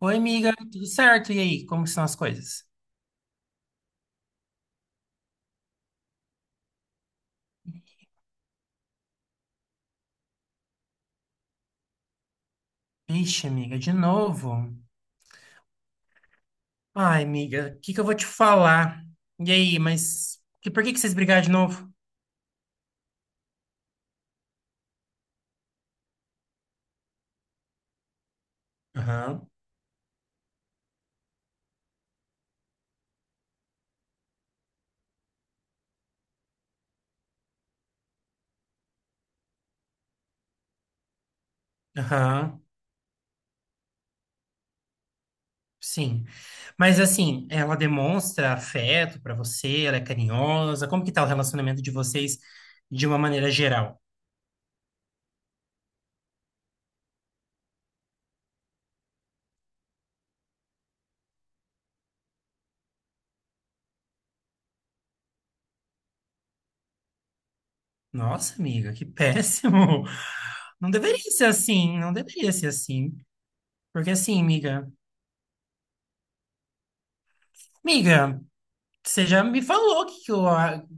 Oi, amiga, tudo certo? E aí, como que são as coisas? Ixi, amiga, de novo? Ai, amiga, o que que eu vou te falar? E aí, mas por que que vocês brigaram de novo? Aham, aham, sim. Mas assim, ela demonstra afeto pra você, ela é carinhosa. Como que tá o relacionamento de vocês de uma maneira geral? Nossa, amiga, que péssimo. Não deveria ser assim, não deveria ser assim. Porque assim, amiga, amiga. Você já me falou que, que, eu,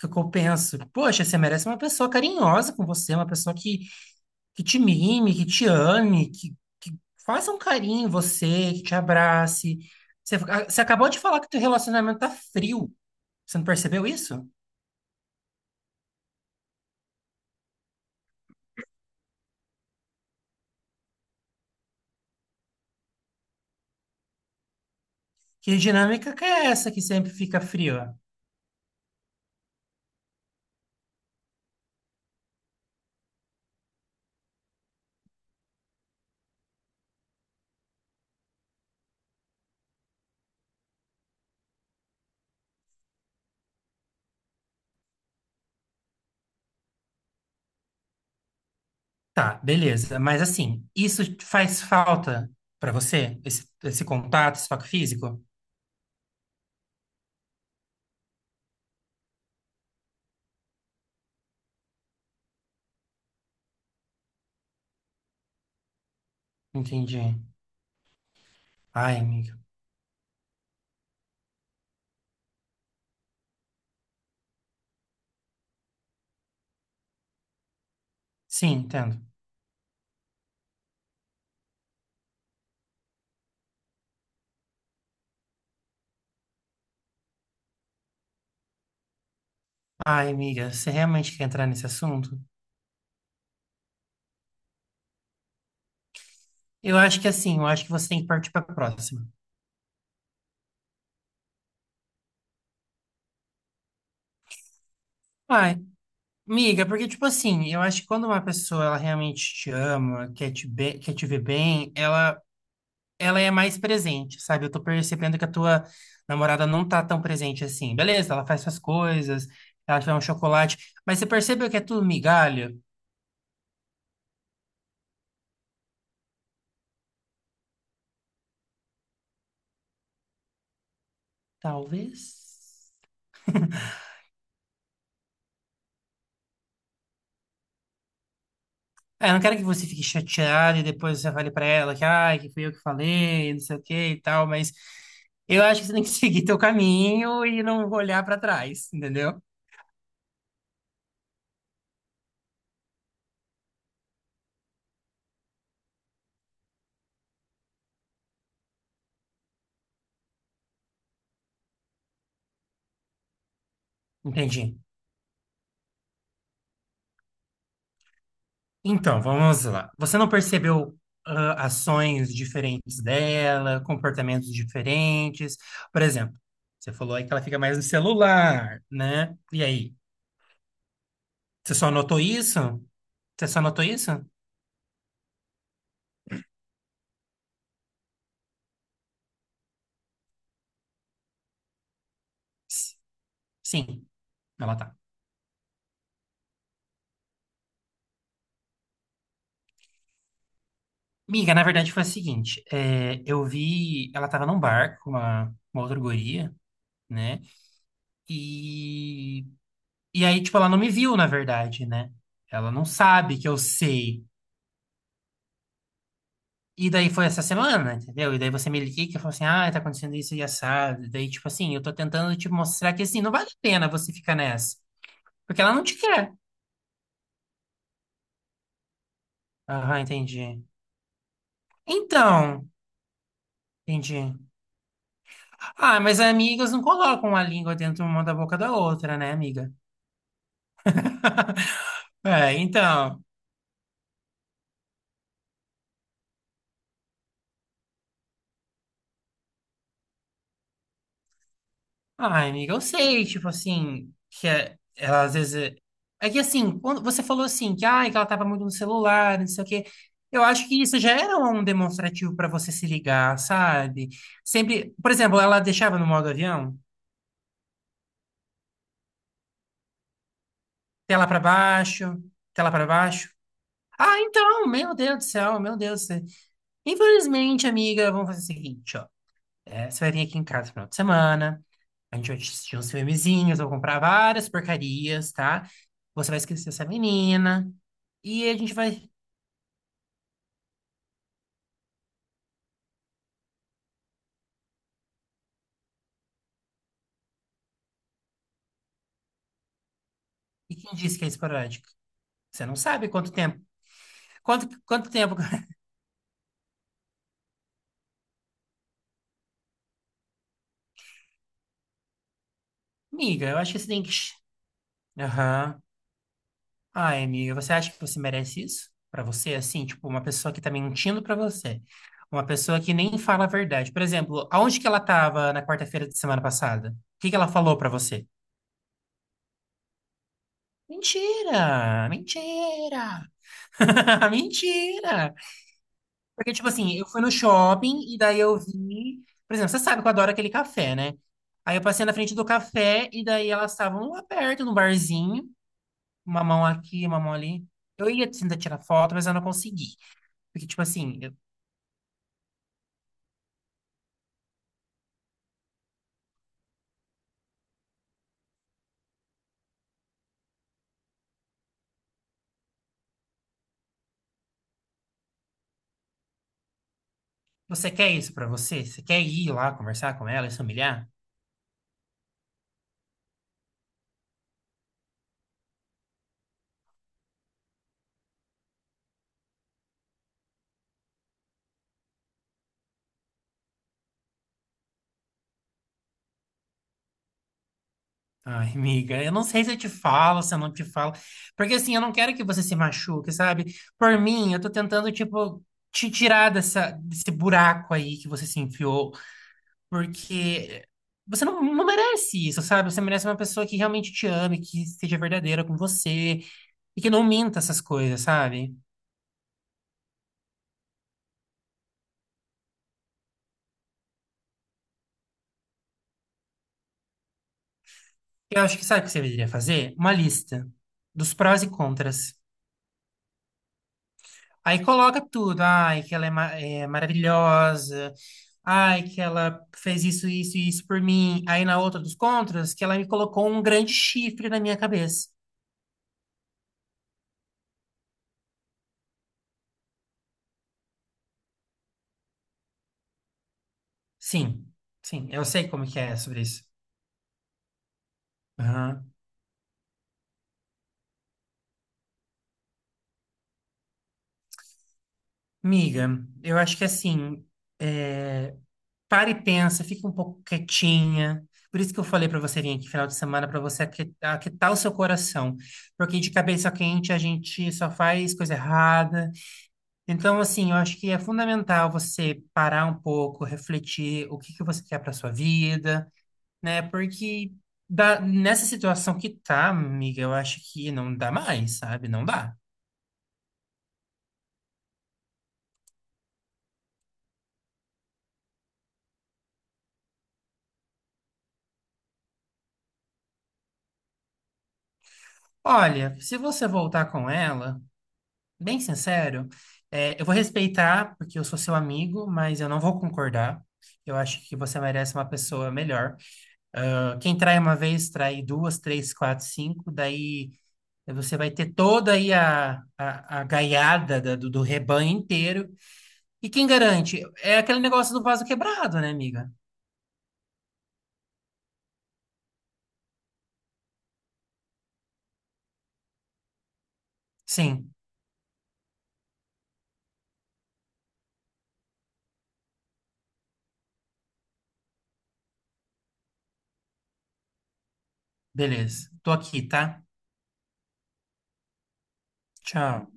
que, eu penso. Poxa, você merece uma pessoa carinhosa com você, uma pessoa que te mime, que te ame, que faça um carinho em você, que te abrace. Você acabou de falar que teu relacionamento tá frio. Você não percebeu isso? Que dinâmica que é essa que sempre fica fria? Tá, beleza. Mas assim, isso faz falta pra você? Esse contato, esse toque físico? Entendi. Ai, amiga. Sim, entendo. Ai, amiga, você realmente quer entrar nesse assunto? Eu acho que assim, eu acho que você tem que partir para a próxima. Ai, amiga, porque tipo assim, eu acho que quando uma pessoa ela realmente te ama, quer te, quer te ver bem, ela é mais presente, sabe? Eu tô percebendo que a tua namorada não tá tão presente assim. Beleza, ela faz suas coisas, ela te dá um chocolate, mas você percebeu que é tudo migalha? Talvez. É, eu não quero que você fique chateado e depois você fale pra ela que, ai, que fui eu que falei, não sei o que e tal, mas eu acho que você tem que seguir teu caminho e não olhar pra trás, entendeu? Entendi. Então, vamos lá. Você não percebeu, ah, ações diferentes dela, comportamentos diferentes? Por exemplo, você falou aí que ela fica mais no celular, né? E aí, você só notou isso? Você só notou isso? S- Sim, ela tá. Miga, na verdade foi a seguinte, é, eu vi, ela tava num bar com uma outra guria, né? E, e aí, tipo, ela não me viu, na verdade, né? Ela não sabe que eu sei. E daí foi essa semana, entendeu? E daí você me liga que falou assim, ah, tá acontecendo isso e assado. E daí, tipo assim, eu tô tentando te mostrar que, assim, não vale a pena você ficar nessa. Porque ela não te quer. Aham, entendi. Então, entendi. Ah, mas amigas não colocam a língua dentro uma da boca da outra, né, amiga? É, então. Ai, amiga, eu sei, tipo assim, ela às vezes. É que assim, quando você falou assim, que, ai, que ela tava muito no celular, não sei o quê. Eu acho que isso já era um demonstrativo pra você se ligar, sabe? Sempre. Por exemplo, ela deixava no modo avião, tela pra baixo, tela pra baixo. Ah, então, meu Deus do céu, meu Deus do céu. Infelizmente, amiga, vamos fazer o seguinte, ó. É, você vai vir aqui em casa no final de semana. A gente assistia uns filmezinhos, eu comprar várias porcarias, tá? Você vai esquecer essa menina. E a gente vai. E quem disse que é esporádico? Você não sabe quanto tempo. Quanto tempo? Amiga, eu acho que você tem que. Aham. Ai, amiga, você acha que você merece isso? Pra você, assim, tipo, uma pessoa que tá mentindo pra você. Uma pessoa que nem fala a verdade. Por exemplo, aonde que ela tava na quarta-feira de semana passada? O que que ela falou pra você? Mentira! Mentira! Mentira! Porque, tipo assim, eu fui no shopping e daí eu vi. Por exemplo, você sabe que eu adoro aquele café, né? Aí eu passei na frente do café e daí elas estavam lá perto, num barzinho, uma mão aqui, uma mão ali. Eu ia tentar tirar foto, mas eu não consegui. Porque, tipo assim, você quer isso pra você? Você quer ir lá conversar com ela e se humilhar? Ai, amiga, eu não sei se eu te falo, se eu não te falo. Porque, assim, eu não quero que você se machuque, sabe? Por mim, eu tô tentando, tipo, te tirar dessa, desse buraco aí que você se enfiou. Porque você não merece isso, sabe? Você merece uma pessoa que realmente te ame, que seja verdadeira com você e que não minta essas coisas, sabe? Eu acho que sabe o que você deveria fazer? Uma lista dos prós e contras. Aí coloca tudo. Ai, que ela é, é maravilhosa. Ai, que ela fez isso, isso e isso por mim. Aí na outra dos contras, que ela me colocou um grande chifre na minha cabeça. Sim, sim, eu sei como que é sobre isso. Miga, eu acho que assim, é, para e pensa, fica um pouco quietinha. Por isso que eu falei para você vir aqui final de semana, para você aquietar o seu coração. Porque de cabeça quente a gente só faz coisa errada. Então, assim, eu acho que é fundamental você parar um pouco, refletir o que que você quer para sua vida, né? Porque nessa situação que tá, amiga, eu acho que não dá mais, sabe? Não dá. Olha, se você voltar com ela. Bem sincero, é, eu vou respeitar porque eu sou seu amigo, mas eu não vou concordar. Eu acho que você merece uma pessoa melhor. Ah, quem trai uma vez, trai duas, três, quatro, cinco. Daí você vai ter toda aí a gaiada do rebanho inteiro. E quem garante? É aquele negócio do vaso quebrado, né, amiga? Sim, beleza. Tô aqui, tá? Tchau.